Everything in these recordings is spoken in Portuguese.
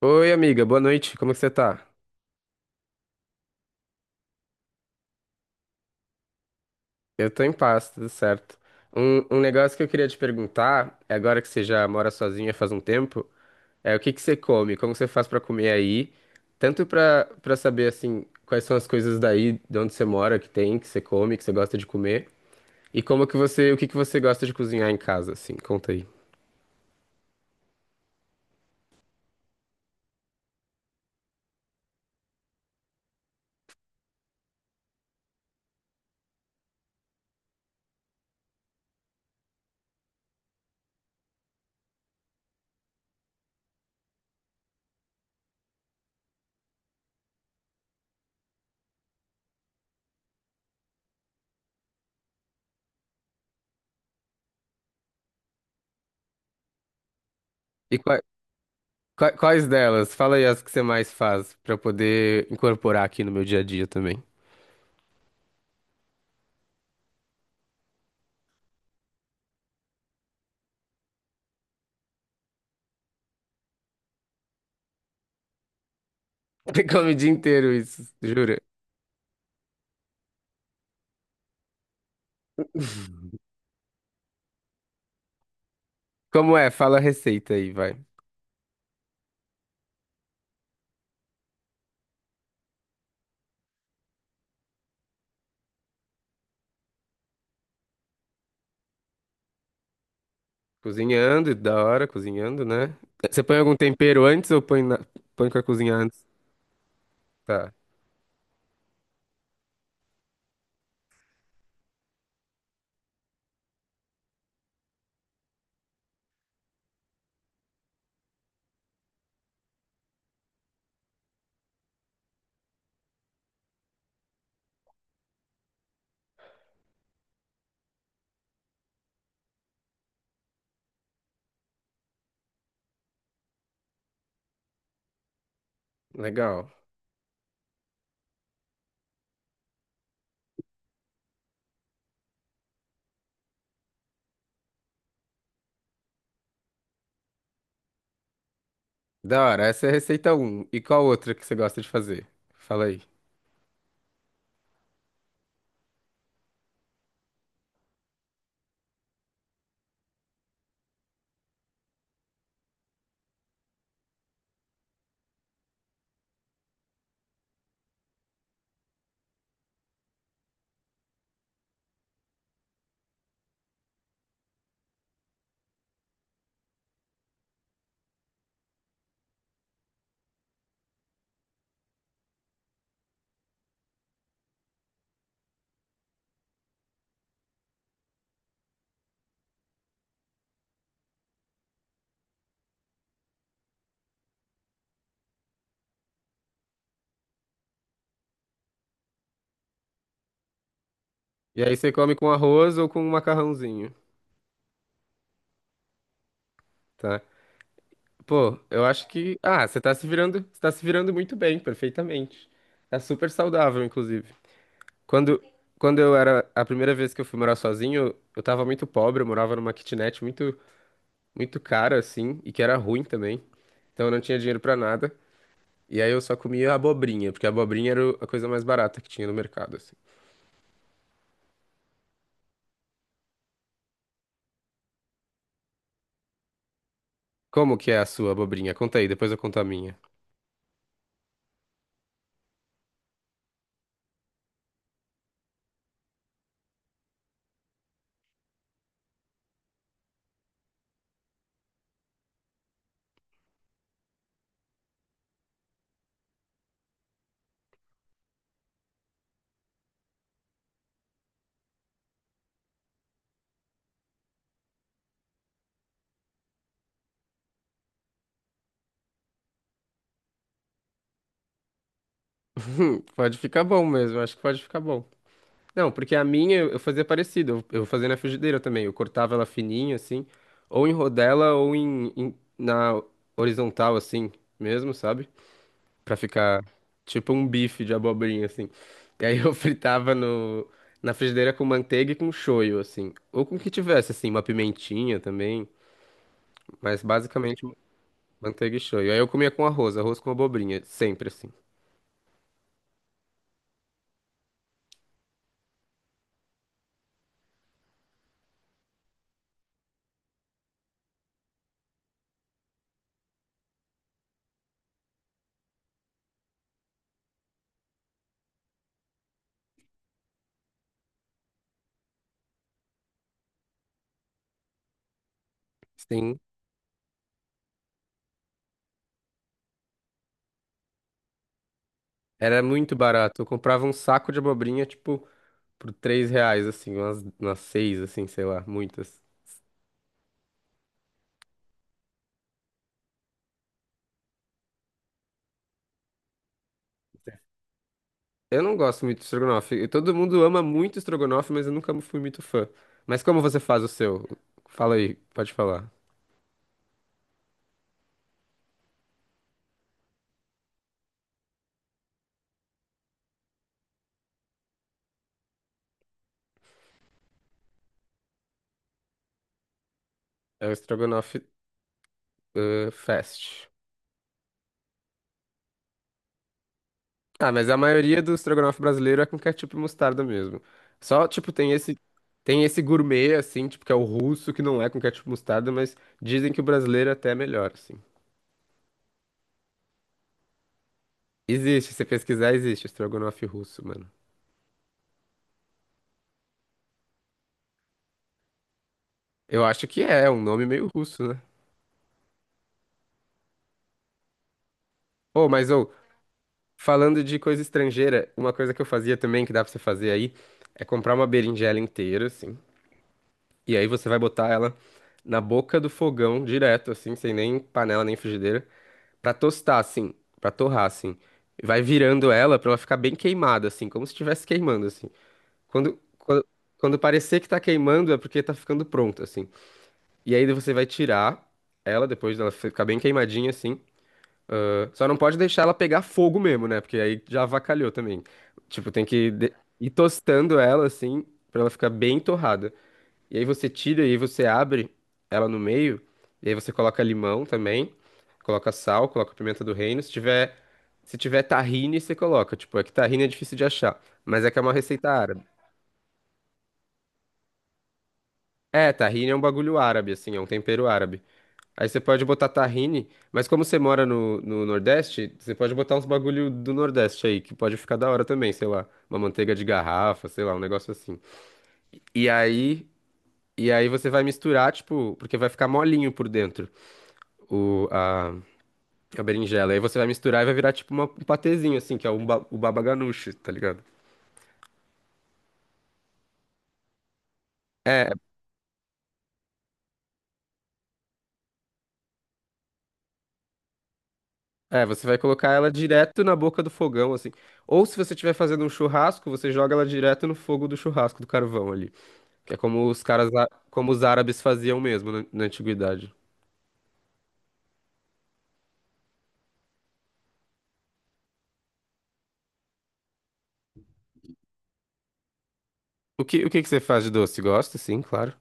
Oi, amiga, boa noite, como é que você tá? Eu tô em paz, tudo certo. Um negócio que eu queria te perguntar, agora que você já mora sozinha faz um tempo, é o que que você come, como você faz pra comer aí, tanto pra saber, assim, quais são as coisas daí, de onde você mora, que tem, que você come, que você gosta de comer, e como que você, o que que você gosta de cozinhar em casa, assim, conta aí. E quais delas? Fala aí as que você mais faz, pra eu poder incorporar aqui no meu dia a dia também. Você come o dia inteiro isso, jura? Como é? Fala a receita aí, vai. Cozinhando, da hora, cozinhando, né? Você põe algum tempero antes ou põe, na... põe pra cozinhar antes? Tá, legal. Da hora, essa é a receita um. E qual outra que você gosta de fazer? Fala aí. E aí você come com arroz ou com um macarrãozinho, tá? Pô, eu acho que... Ah, você tá se virando, você tá se virando muito bem, perfeitamente. Tá super saudável, inclusive. Quando, quando eu era... A primeira vez que eu fui morar sozinho, eu tava muito pobre, eu morava numa kitnet muito muito cara assim e que era ruim também. Então eu não tinha dinheiro pra nada. E aí eu só comia abobrinha, porque a abobrinha era a coisa mais barata que tinha no mercado, assim. Como que é a sua abobrinha? Conta aí, depois eu conto a minha. Pode ficar bom mesmo, acho que pode ficar bom. Não, porque a minha eu fazia parecido, eu fazia na frigideira também. Eu cortava ela fininha, assim, ou em rodela ou na horizontal, assim, mesmo, sabe? Pra ficar tipo um bife de abobrinha, assim. E aí eu fritava no, na frigideira com manteiga e com shoyu, assim. Ou com o que tivesse, assim, uma pimentinha também. Mas basicamente manteiga e shoyu. Aí eu comia com arroz, arroz com abobrinha, sempre assim. Sim, era muito barato. Eu comprava um saco de abobrinha, tipo, por R$ 3, assim, umas, umas seis, assim, sei lá, muitas. Eu não gosto muito de estrogonofe. E todo mundo ama muito estrogonofe, mas eu nunca fui muito fã. Mas como você faz o seu? Fala aí, pode falar. É o estrogonofe fast. Ah, mas a maioria do estrogonofe brasileiro é com ketchup e mostarda mesmo. Só, tipo, tem esse gourmet, assim, tipo, que é o russo, que não é com ketchup e mostarda, mas dizem que o brasileiro até é melhor, assim. Existe, se pesquisar, existe estrogonofe russo, mano. Eu acho que é, é um nome meio russo, né? Ô, mas, ô, falando de coisa estrangeira, uma coisa que eu fazia também, que dá pra você fazer aí, é comprar uma berinjela inteira, assim. E aí você vai botar ela na boca do fogão direto, assim, sem nem panela nem frigideira, pra tostar, assim, pra torrar, assim. E vai virando ela pra ela ficar bem queimada, assim, como se estivesse queimando, assim. Quando, quando, quando parecer que tá queimando é porque tá ficando pronto, assim. E aí você vai tirar ela depois dela ficar bem queimadinha, assim. Só não pode deixar ela pegar fogo mesmo, né? Porque aí já avacalhou também. Tipo, tem que ir tostando ela, assim, pra ela ficar bem torrada. E aí você tira e aí você abre ela no meio. E aí você coloca limão também, coloca sal, coloca pimenta do reino. Se tiver, se tiver tahine, você coloca. Tipo, é que tahine é difícil de achar, mas é que é uma receita árabe. É, tahine é um bagulho árabe, assim, é um tempero árabe. Aí você pode botar tahine, mas como você mora no, no Nordeste, você pode botar uns bagulho do Nordeste aí, que pode ficar da hora também, sei lá, uma manteiga de garrafa, sei lá, um negócio assim. E aí, e aí você vai misturar, tipo, porque vai ficar molinho por dentro. o, a, a berinjela. Aí você vai misturar e vai virar tipo um patezinho, assim, que é o, o baba ganoush, tá ligado? É, é, você vai colocar ela direto na boca do fogão, assim. Ou se você estiver fazendo um churrasco, você joga ela direto no fogo do churrasco, do carvão ali. Que é como os caras, como os árabes faziam mesmo na, na antiguidade. O que que você faz de doce? Gosta? Sim, claro.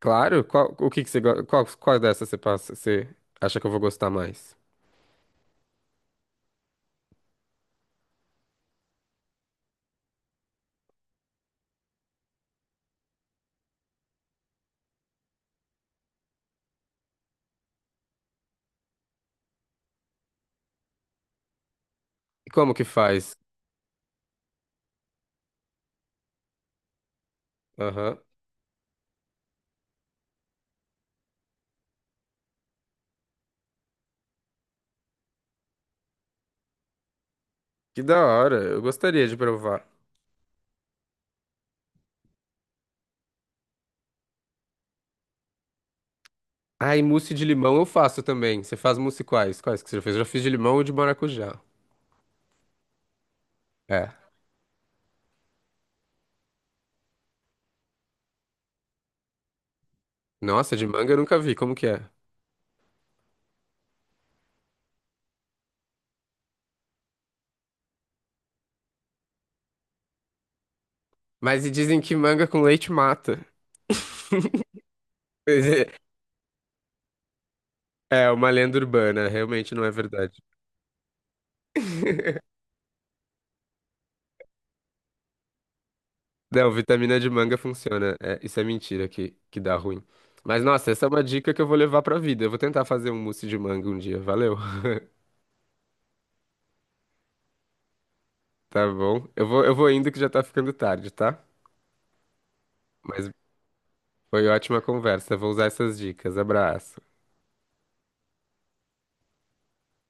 Claro? Qual, o que que você, qual, qual dessas você passa, você acha que eu vou gostar mais? E como que faz? Aham. Que da hora, eu gostaria de provar. Ah, e mousse de limão eu faço também. Você faz mousse quais? Quais que você já fez? Eu já fiz de limão ou de maracujá. É. Nossa, de manga eu nunca vi. Como que é? Mas e dizem que manga com leite mata. Pois é, é uma lenda urbana, realmente não é verdade. Não, vitamina de manga funciona. É, isso é mentira que dá ruim. Mas nossa, essa é uma dica que eu vou levar pra vida. Eu vou tentar fazer um mousse de manga um dia. Valeu. Tá bom. Eu vou indo que já tá ficando tarde, tá? Mas foi ótima conversa. Vou usar essas dicas. Abraço.